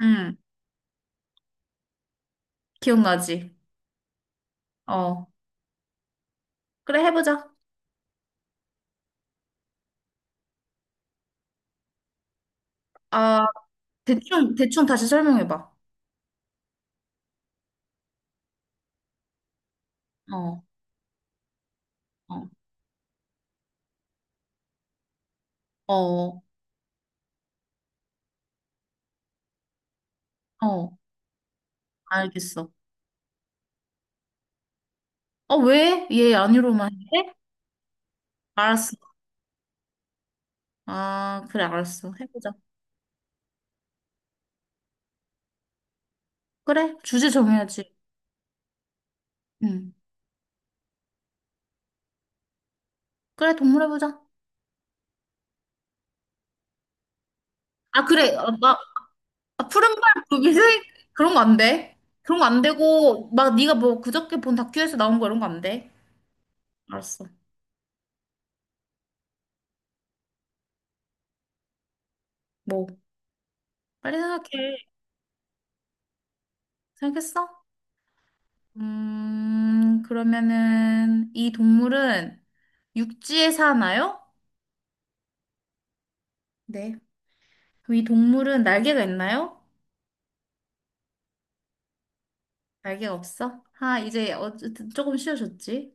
응, 기억나지? 어. 그래, 해보자. 아, 대충, 대충 다시 설명해봐. 어, 어, 어, 어, 알겠어. 어, 왜? 얘 아니로만 해? 알았어. 아, 그래, 알았어. 해보자. 그래, 주제 정해야지. 응. 그래, 동물 해보자. 아, 그래. 아, 나, 아, 푸른발 고기는 그런 거 안 돼. 그런 거 안 되고, 막 네가 뭐 그저께 본 다큐에서 나온 거 이런 거 안 돼. 알았어. 뭐, 빨리 생각해. 생각했어? 그러면은 이 동물은 육지에 사나요? 네. 그럼 이 동물은 날개가 있나요? 날개가 없어? 아, 이제 어쨌든 조금 쉬워졌지.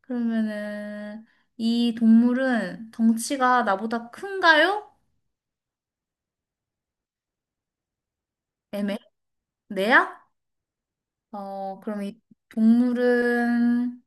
그러면은 이 동물은 덩치가 나보다 큰가요? 애매? 내야? 어, 그럼 이 동물은.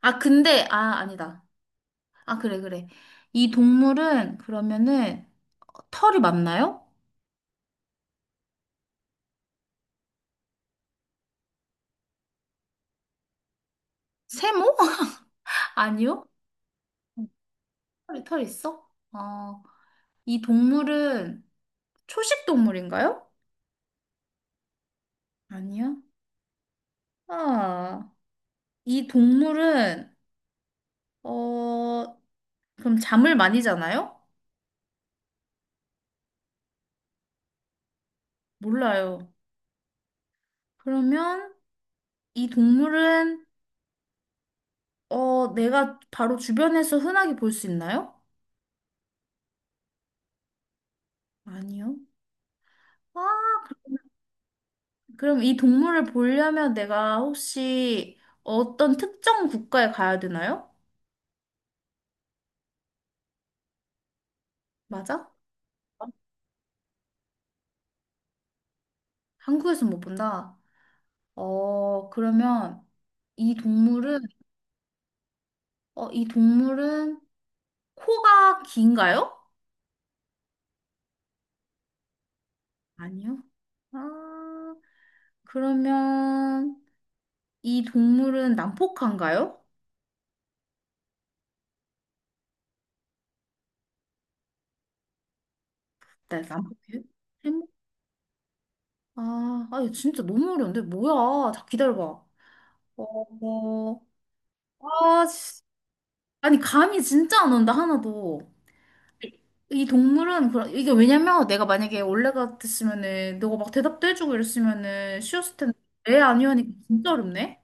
아, 근데 아, 아니다. 아, 그래, 그래. 이 동물은 그러면은 털이 많나요? 세모? 아니요? 털이 털 있어? 아, 이 동물은 초식 동물인가요? 아니요. 아, 이 동물은, 어, 그럼 잠을 많이 자나요? 몰라요. 그러면 이 동물은, 어, 내가 바로 주변에서 흔하게 볼 수 있나요? 아니요. 아, 그럼 이 동물을 보려면 내가 혹시 어떤 특정 국가에 가야 되나요? 맞아? 한국에서 못 본다. 어, 그러면 이 동물은, 어, 이 동물은 코가 긴가요? 아니요. 아, 그러면 이 동물은 난폭한가요? 네, 난폭해요? 해모- 아, 아, 이거 진짜 너무 어려운데? 뭐야? 자, 기다려봐. 어, 아, 씨. 아니, 감이 진짜 안 온다, 하나도. 이 동물은, 그런 이게 왜냐면 내가 만약에 원래 같았으면은, 너가 막 대답도 해주고 이랬으면은 쉬웠을 텐데, 애 아니오 하니까 진짜 어렵네?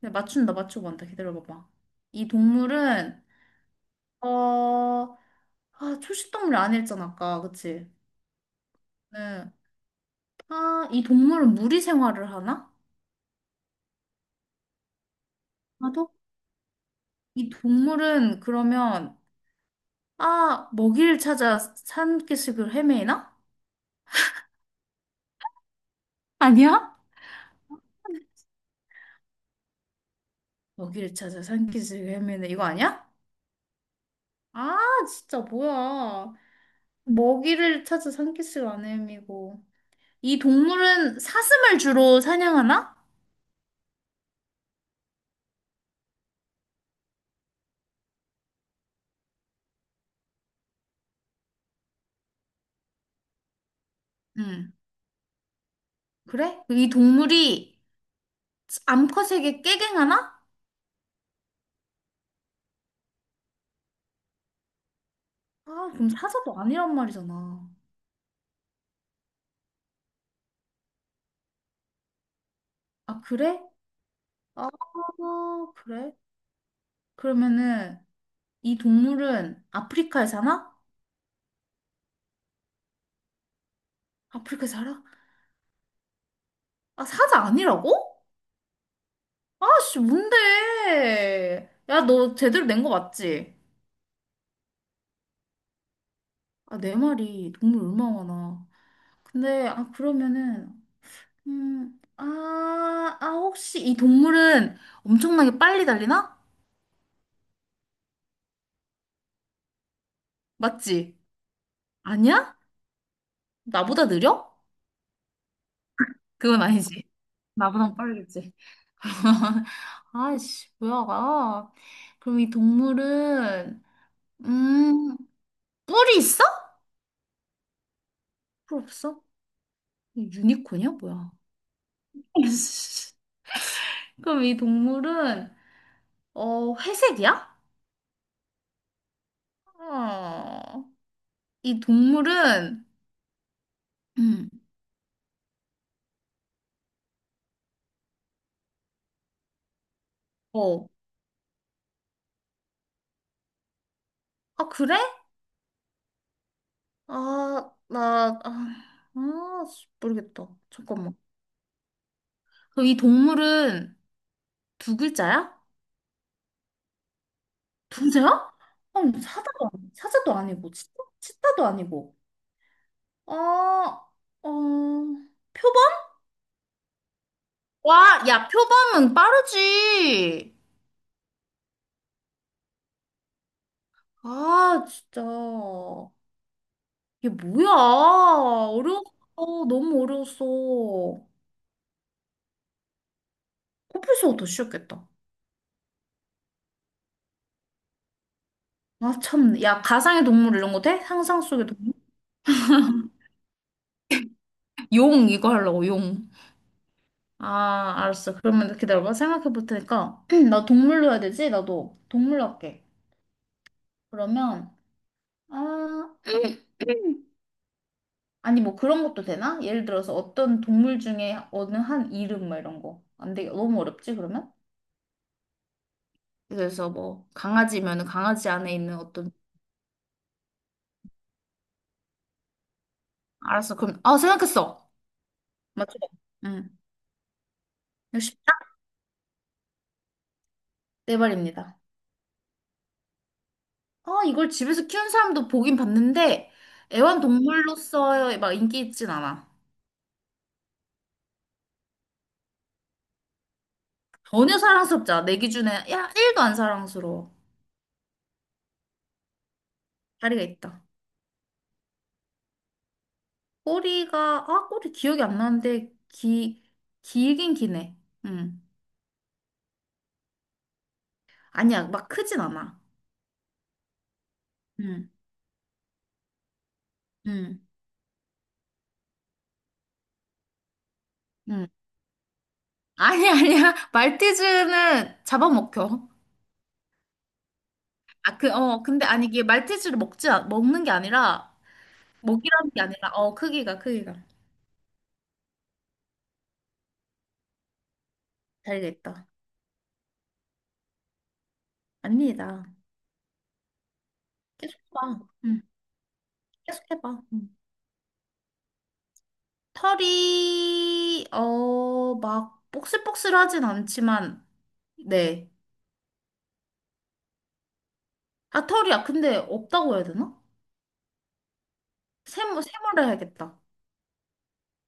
네, 맞춘다, 맞추고 간다. 기다려봐봐. 이 동물은, 어, 아, 초식동물 아니랬잖아 아까. 그치? 네. 아, 이 동물은 무리 생활을 하나? 나도? 이 동물은 그러면, 아, 먹이를 찾아 산기슭을 헤매나? 아니야? 먹이를 찾아 산기슭을 헤매는 이거 아니야? 아, 진짜 뭐야. 먹이를 찾아 산기슭을 안 헤매고. 이 동물은 사슴을 주로 사냥하나? 응. 그래? 이 동물이 암컷에게 깨갱하나? 아, 그럼 사자도 아니란 말이잖아. 아, 그래? 아, 그래? 그러면은 이 동물은 아프리카에 사나? 아프리카에 살아? 아, 사자 아니라고? 아씨, 뭔데? 야, 너 제대로 낸 거 맞지? 아, 내 말이 동물 얼마나 많아. 근데, 아, 그러면은, 아, 아, 혹시 이 동물은 엄청나게 빨리 달리나? 맞지? 아니야? 나보다 느려? 그건 아니지. 나보단 빠르겠지. 아이씨, 뭐야, 아, 그럼 이 동물은, 음, 뿔이 있어? 뿔 없어? 유니콘이야, 뭐야? 그럼 이 동물은, 어, 회색이야? 어, 이 동물은, 음, 어, 아, 그래? 아, 나, 아, 아, 씨, 모르겠다. 잠깐만. 그럼 이 동물은 두 글자야? 부자야? 사자도 아니고 치타, 치타도 아니고. 어, 어, 표범? 와, 야, 표범은 빠르지. 아, 진짜. 이게 뭐야? 어려웠어. 너무 어려웠어. 코뿔소가 더 쉬웠겠다. 아, 참. 야, 가상의 동물 이런 거 돼? 상상 속의 동물? 용, 이거 하려고, 용. 아, 알았어. 그러면 기다려봐. 생각해 볼 테니까. 나 동물로 해야 되지? 나도 동물로 할게. 그러면. 아, 아니 뭐 그런 것도 되나? 예를 들어서 어떤 동물 중에 어느 한 이름 뭐 이런 거. 안 되게 너무 어렵지 그러면? 그래서 뭐 강아지면 은 강아지 안에 있는 어떤 알았어. 그럼, 아, 생각했어. 맞죠? 응. 이거 쉽다. 네 말입니다. 아, 이걸 집에서 키운 사람도 보긴 봤는데 애완동물로서 막 인기 있진 않아. 전혀 사랑스럽지 않아. 내 기준에 야 1도 안 사랑스러워. 다리가 있다. 꼬리가, 아, 꼬리 기억이 안 나는데 기 길긴 기네. 응. 아니야, 막 크진 않아. 응, 응. 응. 아니, 아니야. 말티즈는 잡아먹혀. 아, 그, 어, 근데 아니, 이게 말티즈를 먹지, 않- 먹는 게 아니라, 먹이라는 게 아니라, 어, 크기가, 크기가. 잘있다. 아닙니다. 계속 해봐. 응. 계속 해봐. 응. 털이, 어, 막, 복슬복슬하진 않지만, 네. 아, 털이야. 근데 없다고 해야 되나? 샘모 세모를 해야겠다.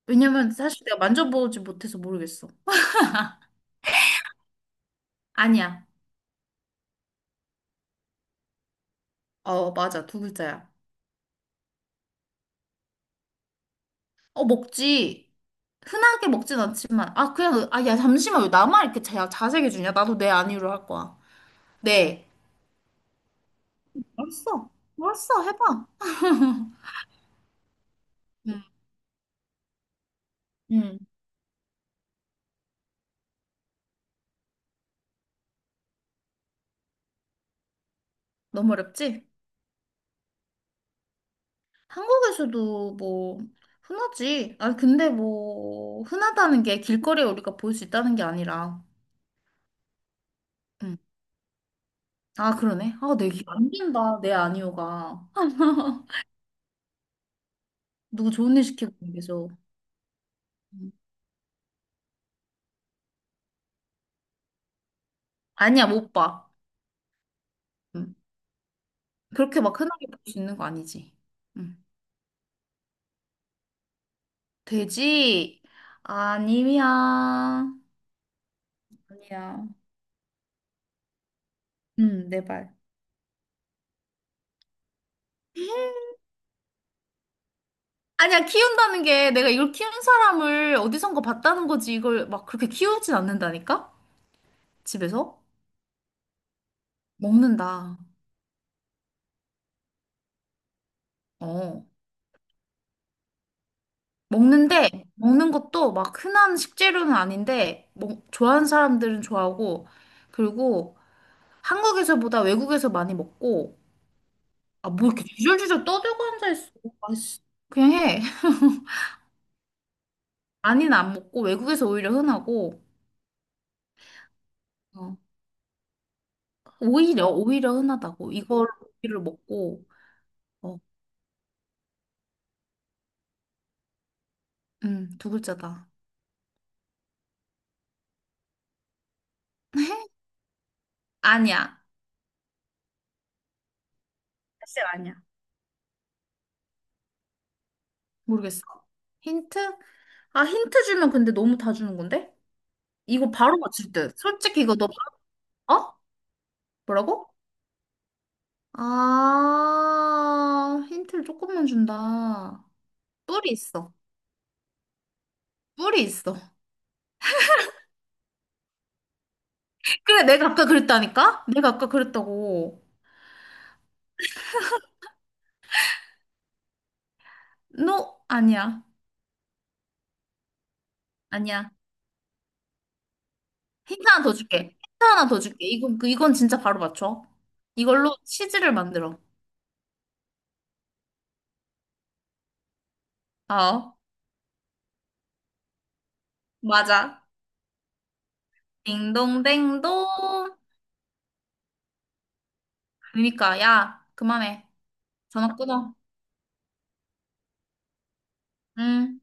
왜냐면 사실 내가 만져보지 못해서 모르겠어. 아니야. 어, 맞아. 두 글자야. 어, 먹지. 흔하게 먹진 않지만. 아, 그냥, 아, 야, 잠시만. 왜 나만 이렇게 자, 자세게 주냐? 나도 내 아니로 할 거야. 네. 알았어. 알았어. 해봐. 응. 응. 너무 어렵지? 한국에서도 뭐, 흔하지. 아, 근데 뭐, 흔하다는 게 길거리에 우리가 볼 수 있다는 게 아니라. 응. 아, 그러네. 아, 내안 된다. 내 아니오가. 누구 좋은 일 시키고 계속. 응. 아니야, 못 봐. 응. 그렇게 막 흔하게 볼 수 있는 거 아니지? 응. 돼지? 아니야. 아니야. 응, 내 말. 아니야, 키운다는 게 내가 이걸 키운 사람을 어디선가 봤다는 거지. 이걸 막 그렇게 키우진 않는다니까? 집에서? 먹는다. 어. 먹는데, 먹는 것도 막 흔한 식재료는 아닌데, 먹, 좋아하는 사람들은 좋아하고, 그리고 한국에서보다 외국에서 많이 먹고, 아, 뭐 이렇게 주절주절 떠들고 앉아있어. 아있어. 그냥 해. 많이는 안 먹고 외국에서 오히려 흔하고, 어, 오히려 흔하다고. 이걸 고기를 먹고, 어, 두 글자다. 아니야. 사실 아니야. 모르겠어. 힌트? 아, 힌트 주면 근데 너무 다 주는 건데? 이거 바로 맞출 듯. 솔직히 이거 너, 어? 뭐라고? 아, 힌트를 조금만 준다. 뿔이 있어. 뿔이 있어. 그래, 내가 아까 그랬다니까? 내가 아까 그랬다고. 너, 아니야. 아니야. 힌트 하나 더 줄게. 힌트 하나 더 줄게. 이건, 그- 이건 진짜 바로 맞춰. 이걸로 치즈를 만들어. 어, 맞아. 딩동댕동. 그러니까, 야, 그만해. 전화 끊어. 응.